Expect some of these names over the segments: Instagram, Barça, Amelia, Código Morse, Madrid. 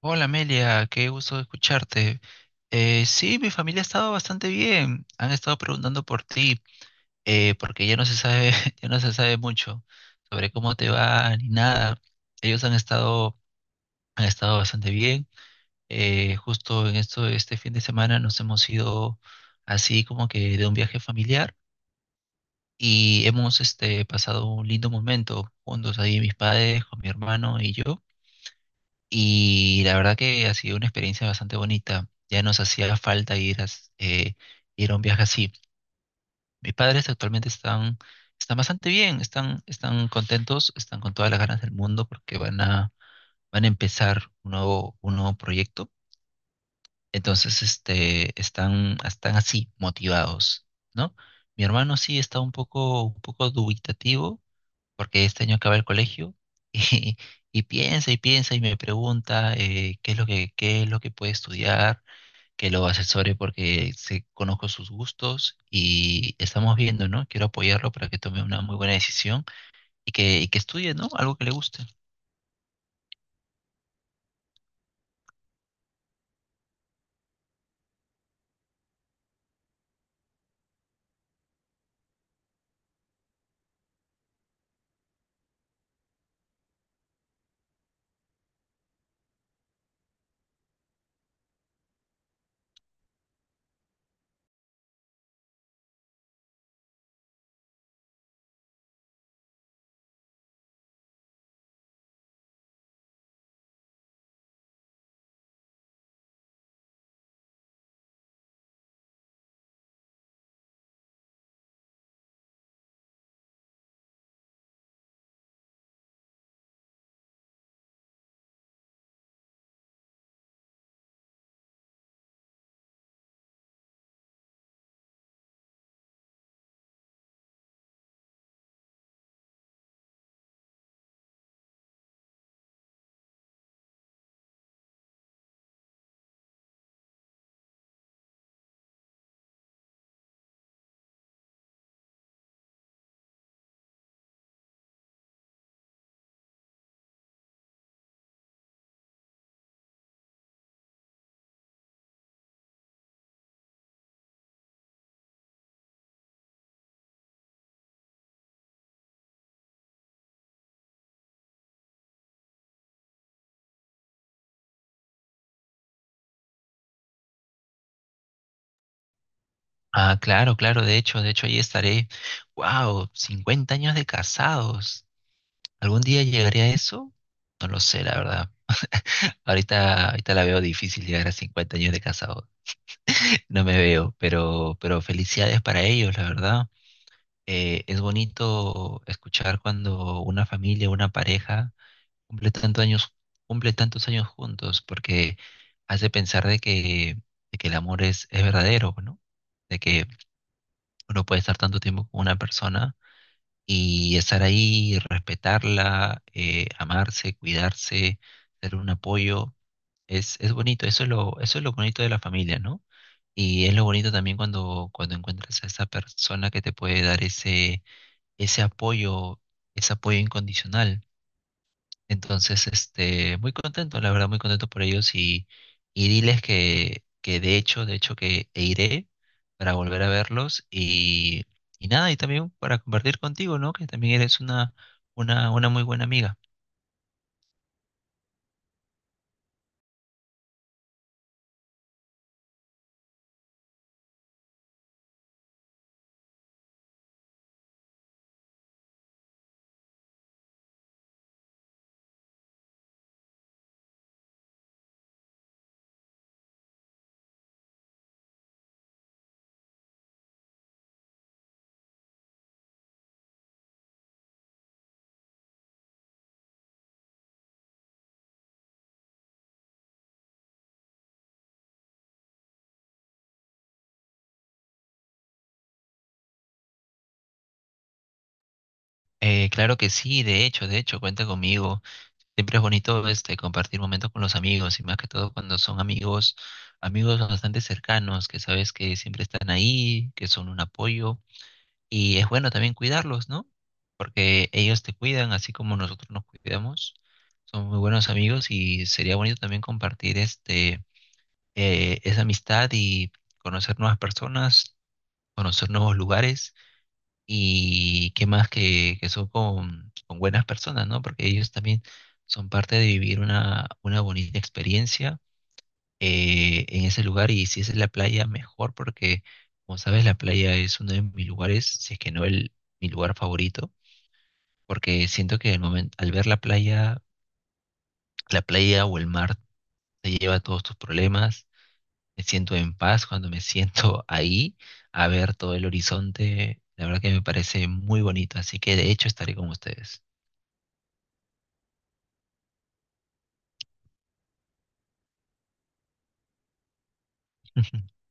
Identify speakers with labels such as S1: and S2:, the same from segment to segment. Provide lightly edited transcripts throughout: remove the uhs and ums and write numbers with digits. S1: Hola Amelia, qué gusto escucharte. Sí, mi familia ha estado bastante bien. Han estado preguntando por ti, porque ya no se sabe, ya no se sabe mucho sobre cómo te va ni nada. Ellos han estado, han estado bastante bien. Este fin de semana nos hemos ido así como que de un viaje familiar y hemos pasado un lindo momento juntos ahí mis padres, con mi hermano y yo. Y la verdad que ha sido una experiencia bastante bonita. Ya nos hacía falta ir a un viaje así. Mis padres actualmente están, están bastante bien, están contentos, están con todas las ganas del mundo porque van a empezar un nuevo proyecto. Entonces, están así, motivados, ¿no? Mi hermano sí está un poco dubitativo porque este año acaba el colegio y, y piensa y piensa y me pregunta qué es qué es lo que puede estudiar, que lo asesore porque se, conozco sus gustos y estamos viendo, ¿no? Quiero apoyarlo para que tome una muy buena decisión y y que estudie, ¿no? Algo que le guste. Ah, claro, claro, de hecho ahí estaré. Wow, 50 años de casados. ¿Algún día llegaré a eso? No lo sé, la verdad. Ahorita la veo difícil llegar a 50 años de casados. No me veo, pero felicidades para ellos, la verdad. Es bonito escuchar cuando una familia, una pareja cumple tantos años, cumple tantos años juntos, porque hace pensar de que el amor es verdadero, ¿no? De que uno puede estar tanto tiempo con una persona y estar ahí, respetarla, amarse, cuidarse, ser un apoyo. Es bonito, eso es eso es lo bonito de la familia, ¿no? Y es lo bonito también cuando, cuando encuentras a esa persona que te puede dar ese apoyo, ese apoyo incondicional. Entonces, muy contento, la verdad, muy contento por ellos y diles que de hecho que e iré para volver a verlos y nada, y también para compartir contigo, ¿no? Que también eres una muy buena amiga. Claro que sí, de hecho, cuenta conmigo. Siempre es bonito compartir momentos con los amigos y más que todo cuando son amigos, amigos bastante cercanos, que sabes que siempre están ahí, que son un apoyo y es bueno también cuidarlos, ¿no? Porque ellos te cuidan así como nosotros nos cuidamos. Son muy buenos amigos y sería bonito también compartir esa amistad y conocer nuevas personas, conocer nuevos lugares y qué más que son con buenas personas, ¿no? Porque ellos también son parte de vivir una bonita experiencia en ese lugar. Y si es en la playa, mejor, porque como sabes, la playa es uno de mis lugares, si es que no mi lugar favorito, porque siento que al momento, al ver la playa o el mar te lleva todos tus problemas. Me siento en paz cuando me siento ahí a ver todo el horizonte. La verdad que me parece muy bonito, así que de hecho estaré con ustedes.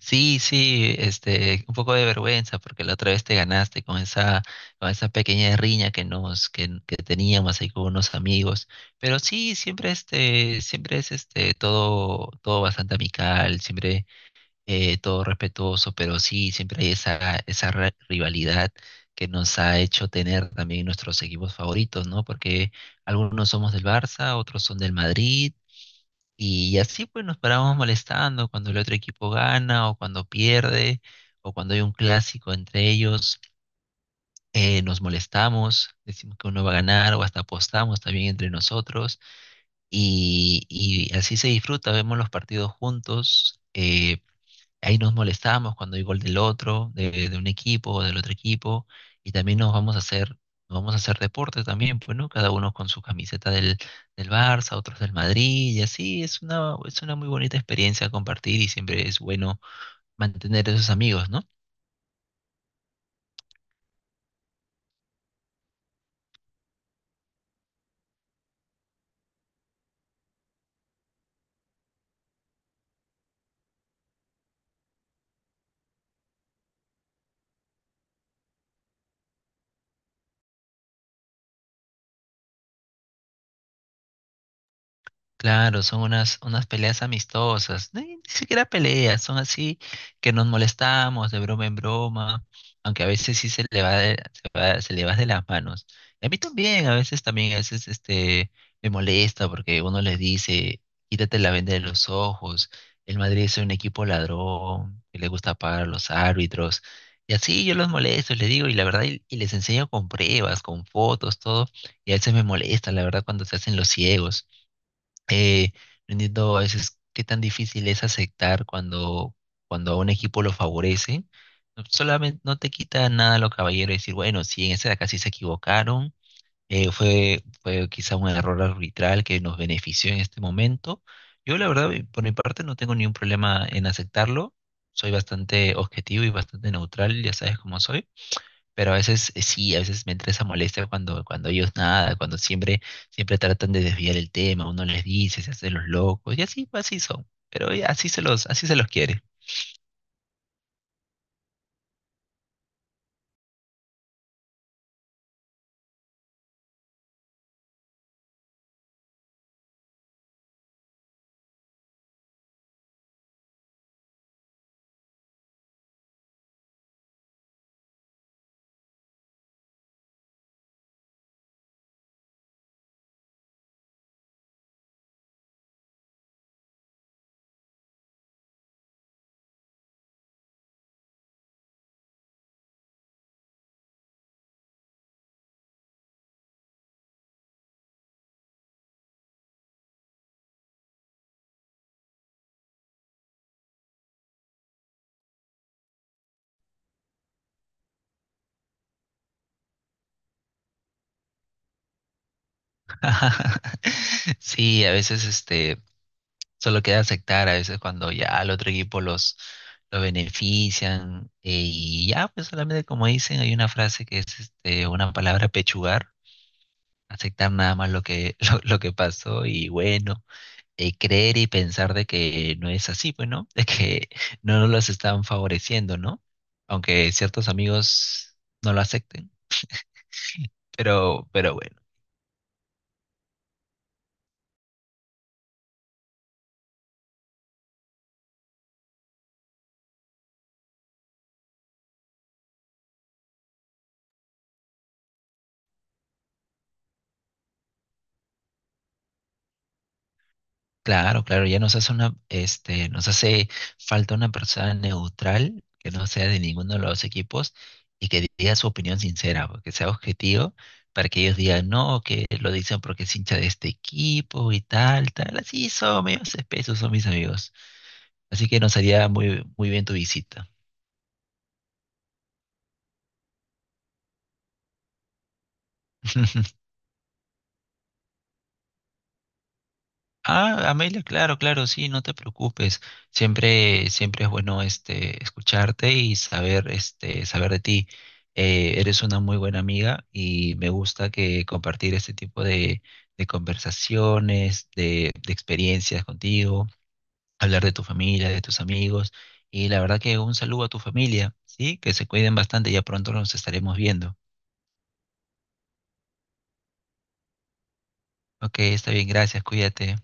S1: Sí, sí, un poco de vergüenza porque la otra vez te ganaste con esa pequeña riña que nos, que teníamos ahí con unos amigos. Pero sí, siempre siempre es todo, todo bastante amical, siempre todo respetuoso, pero sí, siempre hay esa, esa rivalidad que nos ha hecho tener también nuestros equipos favoritos, ¿no? Porque algunos somos del Barça, otros son del Madrid. Y así pues nos parábamos molestando cuando el otro equipo gana o cuando pierde o cuando hay un clásico entre ellos, nos molestamos, decimos que uno va a ganar o hasta apostamos también entre nosotros y así se disfruta, vemos los partidos juntos. Ahí nos molestamos cuando hay gol del otro, de un equipo o del otro equipo, y también nos vamos a hacer deporte también, pues, ¿no? Cada uno con su camiseta del Barça, otros del Madrid, y así es es una muy bonita experiencia compartir y siempre es bueno mantener esos amigos, ¿no? Claro, son unas, unas peleas amistosas, ni siquiera peleas, son así que nos molestamos de broma en broma, aunque a veces sí se le va de las manos. Y a mí también, a veces me molesta porque uno les dice, quítate la venda de los ojos, el Madrid es un equipo ladrón, que le gusta pagar a los árbitros, y así yo los molesto, les digo, y la verdad, y les enseño con pruebas, con fotos, todo, y a veces me molesta, la verdad, cuando se hacen los ciegos. Eh, no entiendo a veces qué tan difícil es aceptar cuando, cuando a un equipo lo favorece. No, solamente no te quita nada lo caballero decir, bueno, sí, en esta de acá sí se equivocaron, fue quizá un error arbitral que nos benefició en este momento. Yo la verdad, por mi parte, no tengo ningún problema en aceptarlo. Soy bastante objetivo y bastante neutral, ya sabes cómo soy. Pero a veces sí, a veces me entra esa molestia cuando, cuando ellos nada, cuando siempre, siempre tratan de desviar el tema, uno les dice, se hacen los locos, y así, así son. Pero ya, así se los quiere. Sí, a veces solo queda aceptar, a veces cuando ya al otro equipo los, lo benefician, y ya, pues solamente como dicen, hay una frase que es una palabra pechugar, aceptar nada más lo que pasó, y bueno. Creer y pensar de que no es así, pues, ¿no? De que no nos los están favoreciendo, ¿no? Aunque ciertos amigos no lo acepten. Pero bueno, claro, claro, ya nos hace falta una persona neutral que no sea de ninguno de los equipos y que diga su opinión sincera, pues, que sea objetivo. Para que ellos digan, no, que lo dicen porque es hincha de este equipo y tal, tal. Así son, medios espesos son mis amigos. Así que nos haría muy, muy bien tu visita. Ah, Amelia, claro, claro, sí, no te preocupes. Siempre, siempre es bueno escucharte y saber, saber de ti. Eres una muy buena amiga y me gusta que compartir este tipo de conversaciones, de experiencias contigo, hablar de tu familia, de tus amigos. Y la verdad que un saludo a tu familia, ¿sí? Que se cuiden bastante, ya pronto nos estaremos viendo. Ok, está bien, gracias, cuídate.